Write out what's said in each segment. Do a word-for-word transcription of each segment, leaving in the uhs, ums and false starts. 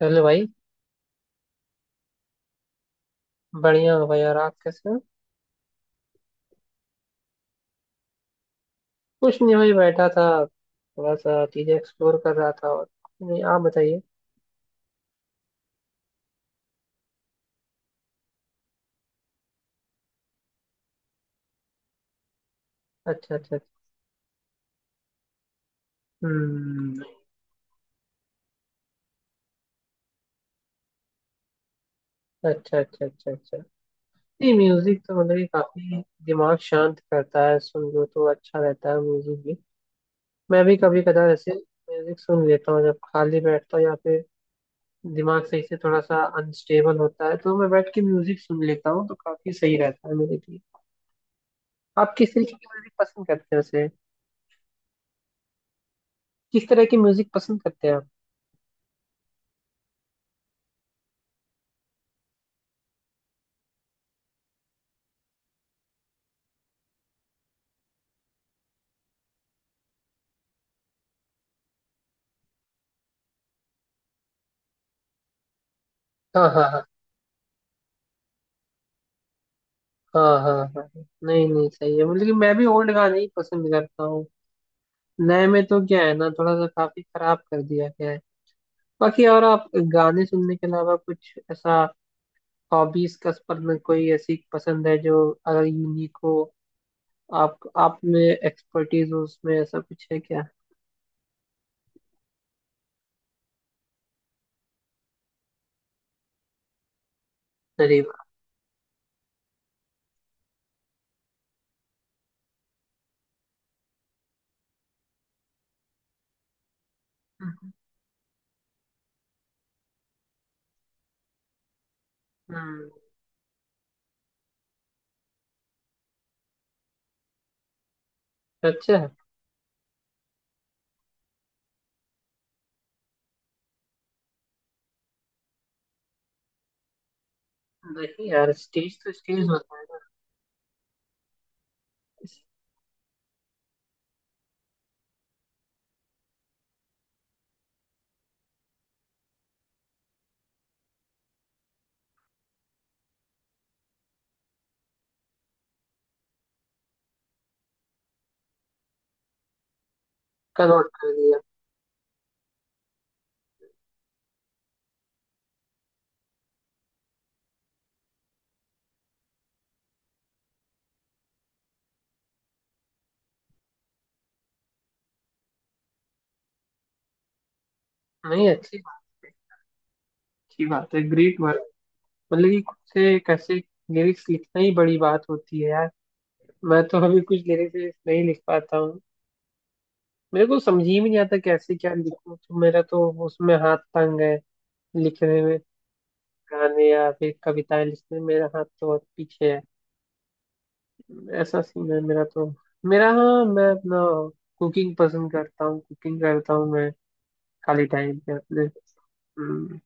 चलो भाई। बढ़िया हो भाई, और आप कैसे हो? कुछ नहीं भाई, बैठा था, थोड़ा सा चीजें एक्सप्लोर कर रहा था। और नहीं, आप बताइए। अच्छा अच्छा अच्छा। हम्म। अच्छा अच्छा अच्छा अच्छा। नहीं म्यूजिक तो मतलब कि काफी दिमाग शांत करता है, सुन लो तो अच्छा रहता है म्यूजिक भी। मैं भी कभी कदार ऐसे म्यूजिक सुन लेता हूँ, जब खाली बैठता हूँ या फिर दिमाग सही से थोड़ा सा अनस्टेबल होता है, तो मैं बैठ के म्यूजिक सुन लेता हूँ तो काफी सही रहता है मेरे लिए। आप किस तरीके की म्यूजिक पसंद करते हैं वैसे? किस तरह की म्यूजिक पसंद करते हैं आप? हाँ हाँ हाँ। हाँ हाँ हाँ हाँ। नहीं नहीं, सही है, मतलब कि मैं भी ओल्ड गाने ही पसंद करता हूँ। नए में तो क्या है ना, थोड़ा सा काफी खराब कर दिया गया है। बाकी और आप? गाने सुनने के अलावा कुछ ऐसा हॉबीज का स्पर्न, कोई ऐसी पसंद है जो अगर यूनिक हो, आप आप में एक्सपर्टीज हो, उसमें ऐसा कुछ है क्या? अरे वाह। हम्म हम्म। अच्छा है। नहीं यार, स्टेज तो स्टेज होता है ना। इसका नोट कर लिया। नहीं, अच्छी बात है, अच्छी बात है, ग्रेट। मतलब कि खुद से कैसे लिरिक्स लिखना ही बड़ी बात होती है यार। मैं तो अभी कुछ लिरिक्स लिरिक्स नहीं लिख पाता हूँ। मेरे को समझ ही में नहीं आता कैसे क्या लिखूं, तो मेरा तो उसमें हाथ तंग है लिखने में। गाने या फिर कविताएं लिखने में मेरा हाथ तो बहुत पीछे है, ऐसा सीन है मेरा तो। मेरा, हाँ, मैं अपना कुकिंग पसंद करता हूँ, कुकिंग करता हूँ मैं, खाली टाइम पे अपने। हम्म।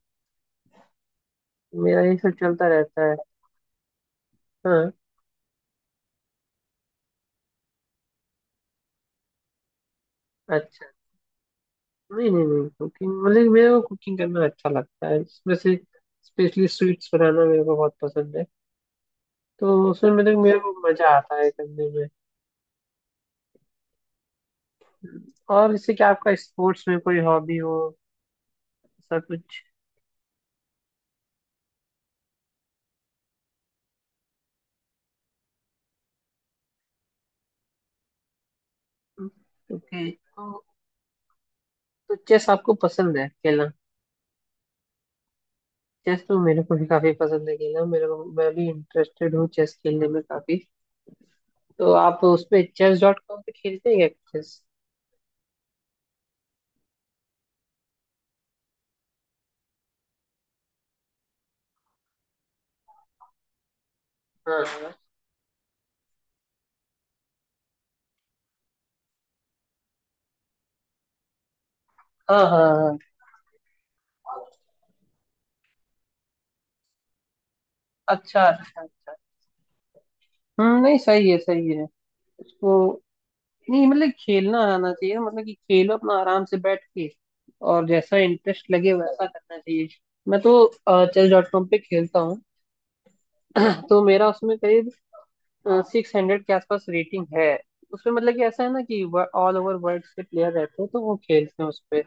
मेरा ये सब चलता रहता है। हाँ। अच्छा। नहीं नहीं नहीं, कुकिंग मतलब मेरे को कुकिंग करना अच्छा लगता है, इसमें से स्पेशली स्वीट्स बनाना मेरे को बहुत पसंद है। तो उसमें मतलब मेरे को मजा आता है करने में। और इससे क्या आपका स्पोर्ट्स में कोई हॉबी हो, ऐसा कुछ? ओके, तो, तो चेस आपको पसंद है खेलना? चेस तो मेरे को भी काफी पसंद है खेलना, मेरे को, मैं भी इंटरेस्टेड हूँ चेस खेलने में काफी। तो आप उस पे चेस डॉट कॉम पे खेलते हैं क्या? चेस। हाँ हाँ हाँ हाँ हाँ। अच्छा अच्छा अच्छा। हम्म, नहीं, सही है, सही है उसको। नहीं, मतलब खेलना आना चाहिए, मतलब कि खेलो अपना आराम से बैठ के, और जैसा इंटरेस्ट लगे वैसा करना चाहिए। मैं तो चेस डॉट कॉम पे खेलता हूँ। तो मेरा उसमें करीब सिक्स हंड्रेड के आसपास रेटिंग है। उसमें मतलब कि ऐसा है ना कि ऑल ओवर वर्ल्ड से प्लेयर रहते हैं, तो वो खेलते हैं उस पे।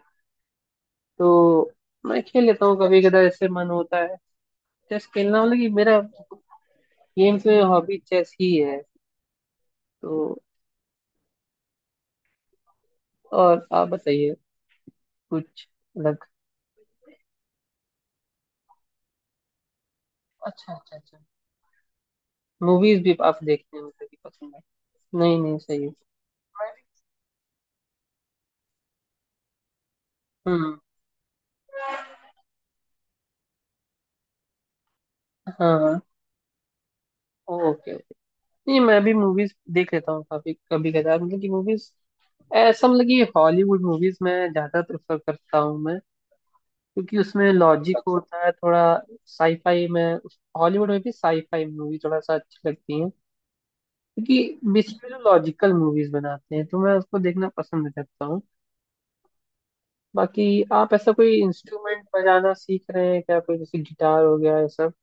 तो मैं खेल लेता हूँ कभी कदा, जैसे मन होता है। चेस खेलना मतलब कि मेरा गेम्स में हॉबी चेस ही है। तो और आप बताइए, कुछ अलग? अच्छा अच्छा अच्छा। मूवीज भी आप देखते हैं, मतलब कि पसंद है? नहीं नहीं, सही है। हम्म। हाँ। Okay okay. नहीं, मैं भी मूवीज देख लेता हूँ काफी कभी कदार, मतलब कि मूवीज, ऐसा मतलब कि हॉलीवुड मूवीज मैं ज्यादा प्रेफर करता हूँ मैं, क्योंकि उसमें लॉजिक होता है थोड़ा। साईफाई में, हॉलीवुड में भी साईफाई मूवी थोड़ा सा अच्छी लगती है, क्योंकि बेसिकली जो लॉजिकल मूवीज बनाते हैं तो मैं उसको देखना पसंद करता हूँ। बाकी आप ऐसा कोई इंस्ट्रूमेंट बजाना सीख रहे हैं क्या, कोई जैसे गिटार हो गया ये सब?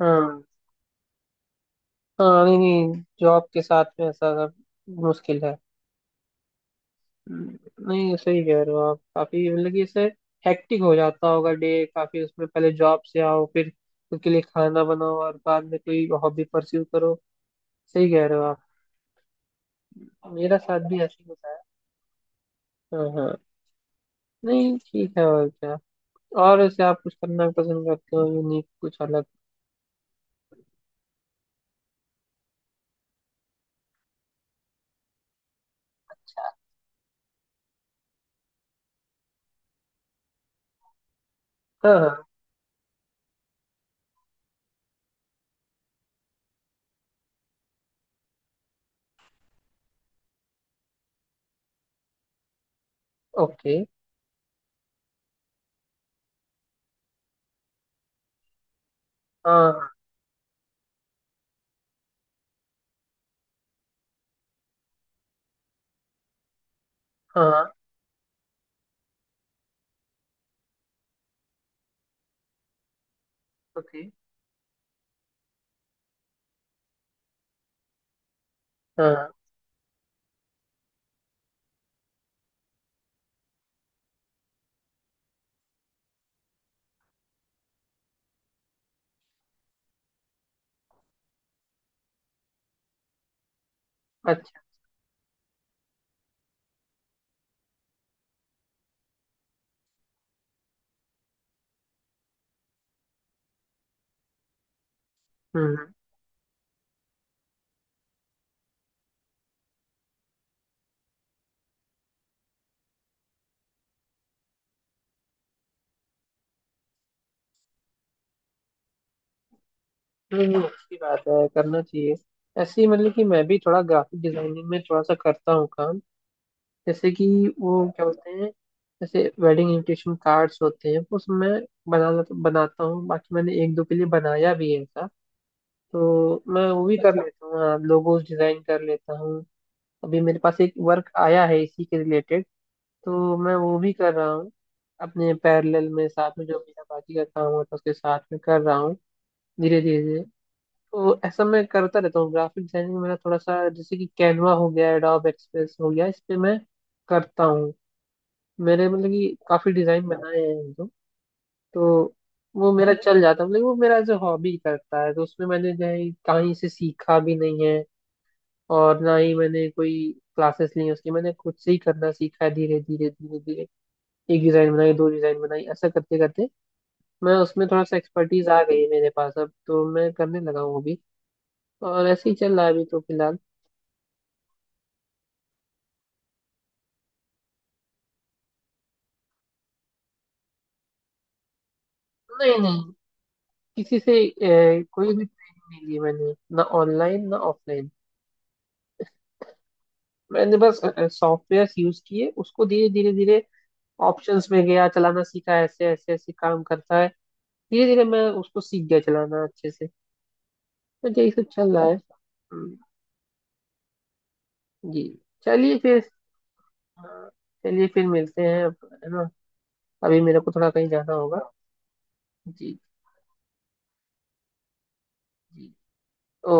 हाँ हाँ। नहीं नहीं, जॉब के साथ में ऐसा सब मुश्किल है। नहीं, सही कह रहे हो आप, काफी, मतलब कि इससे हेक्टिक हो जाता होगा डे काफी, उसमें पहले जॉब से आओ, फिर खुद के लिए खाना बनाओ, और बाद में कोई हॉबी परस्यू करो। सही कह रहे हो आप। मेरा साथ भी ऐसे ही होता है। हाँ हाँ। नहीं ठीक है, और क्या। और ऐसे आप कुछ करना पसंद करते हो, यूनिक कुछ अलग? हाँ हाँ। ओके। हाँ हाँ। ओके। हाँ, okay, हाँ। अच्छा। हम्म हम्म। नहीं नहीं, अच्छी बात है, करना चाहिए। ऐसे ही मतलब कि मैं भी थोड़ा ग्राफिक डिजाइनिंग में थोड़ा सा करता हूँ काम, जैसे कि, वो क्या बोलते हैं, जैसे वेडिंग इनविटेशन कार्ड्स होते हैं, वो सब मैं बना बनाता हूँ। बाकी मैंने एक दो के लिए बनाया भी है ऐसा, तो मैं वो भी कर लेता हूँ, हाँ, लोगोस डिजाइन कर लेता हूँ। अभी मेरे पास एक वर्क आया है इसी के रिलेटेड, तो मैं वो भी कर रहा हूँ, अपने पैरेलल में, साथ में जो मेरा बाकी का काम होता है उसके साथ में कर रहा हूँ धीरे धीरे। तो ऐसा मैं करता रहता हूँ ग्राफिक डिजाइनिंग, मेरा थोड़ा सा, जैसे कि कैनवा हो गया, एडोब एक्सप्रेस हो गया, इस पे मैं करता हूँ, मेरे मतलब कि काफी डिजाइन बनाए हैं हम लोग। तो वो मेरा चल जाता है, मतलब वो मेरा जो हॉबी करता है तो उसमें मैंने जो है कहीं से सीखा भी नहीं है, और ना ही मैंने कोई क्लासेस ली हैं उसकी, मैंने खुद से ही करना सीखा है, धीरे धीरे धीरे धीरे एक डिजाइन बनाई, दो डिजाइन बनाई, ऐसा करते करते मैं उसमें थोड़ा सा एक्सपर्टीज आ गई है मेरे पास, अब तो मैं करने लगा हूँ वो भी। और ऐसे ही चल रहा है अभी तो फिलहाल। नहीं नहीं, किसी से अ, कोई भी ट्रेनिंग नहीं ली मैंने, ना ऑनलाइन ना ऑफलाइन। मैंने बस सॉफ्टवेयर यूज किए उसको, धीरे धीरे धीरे ऑप्शंस में गया, चलाना सीखा, ऐसे ऐसे ऐसे काम करता है, धीरे धीरे मैं उसको सीख गया चलाना अच्छे से। तो यही सब चल रहा है। हम्म, जी। चलिए फिर। हाँ, चलिए फिर मिलते हैं अब, है ना। अभी मेरे को थोड़ा कहीं जाना होगा। जी। जी। ओ।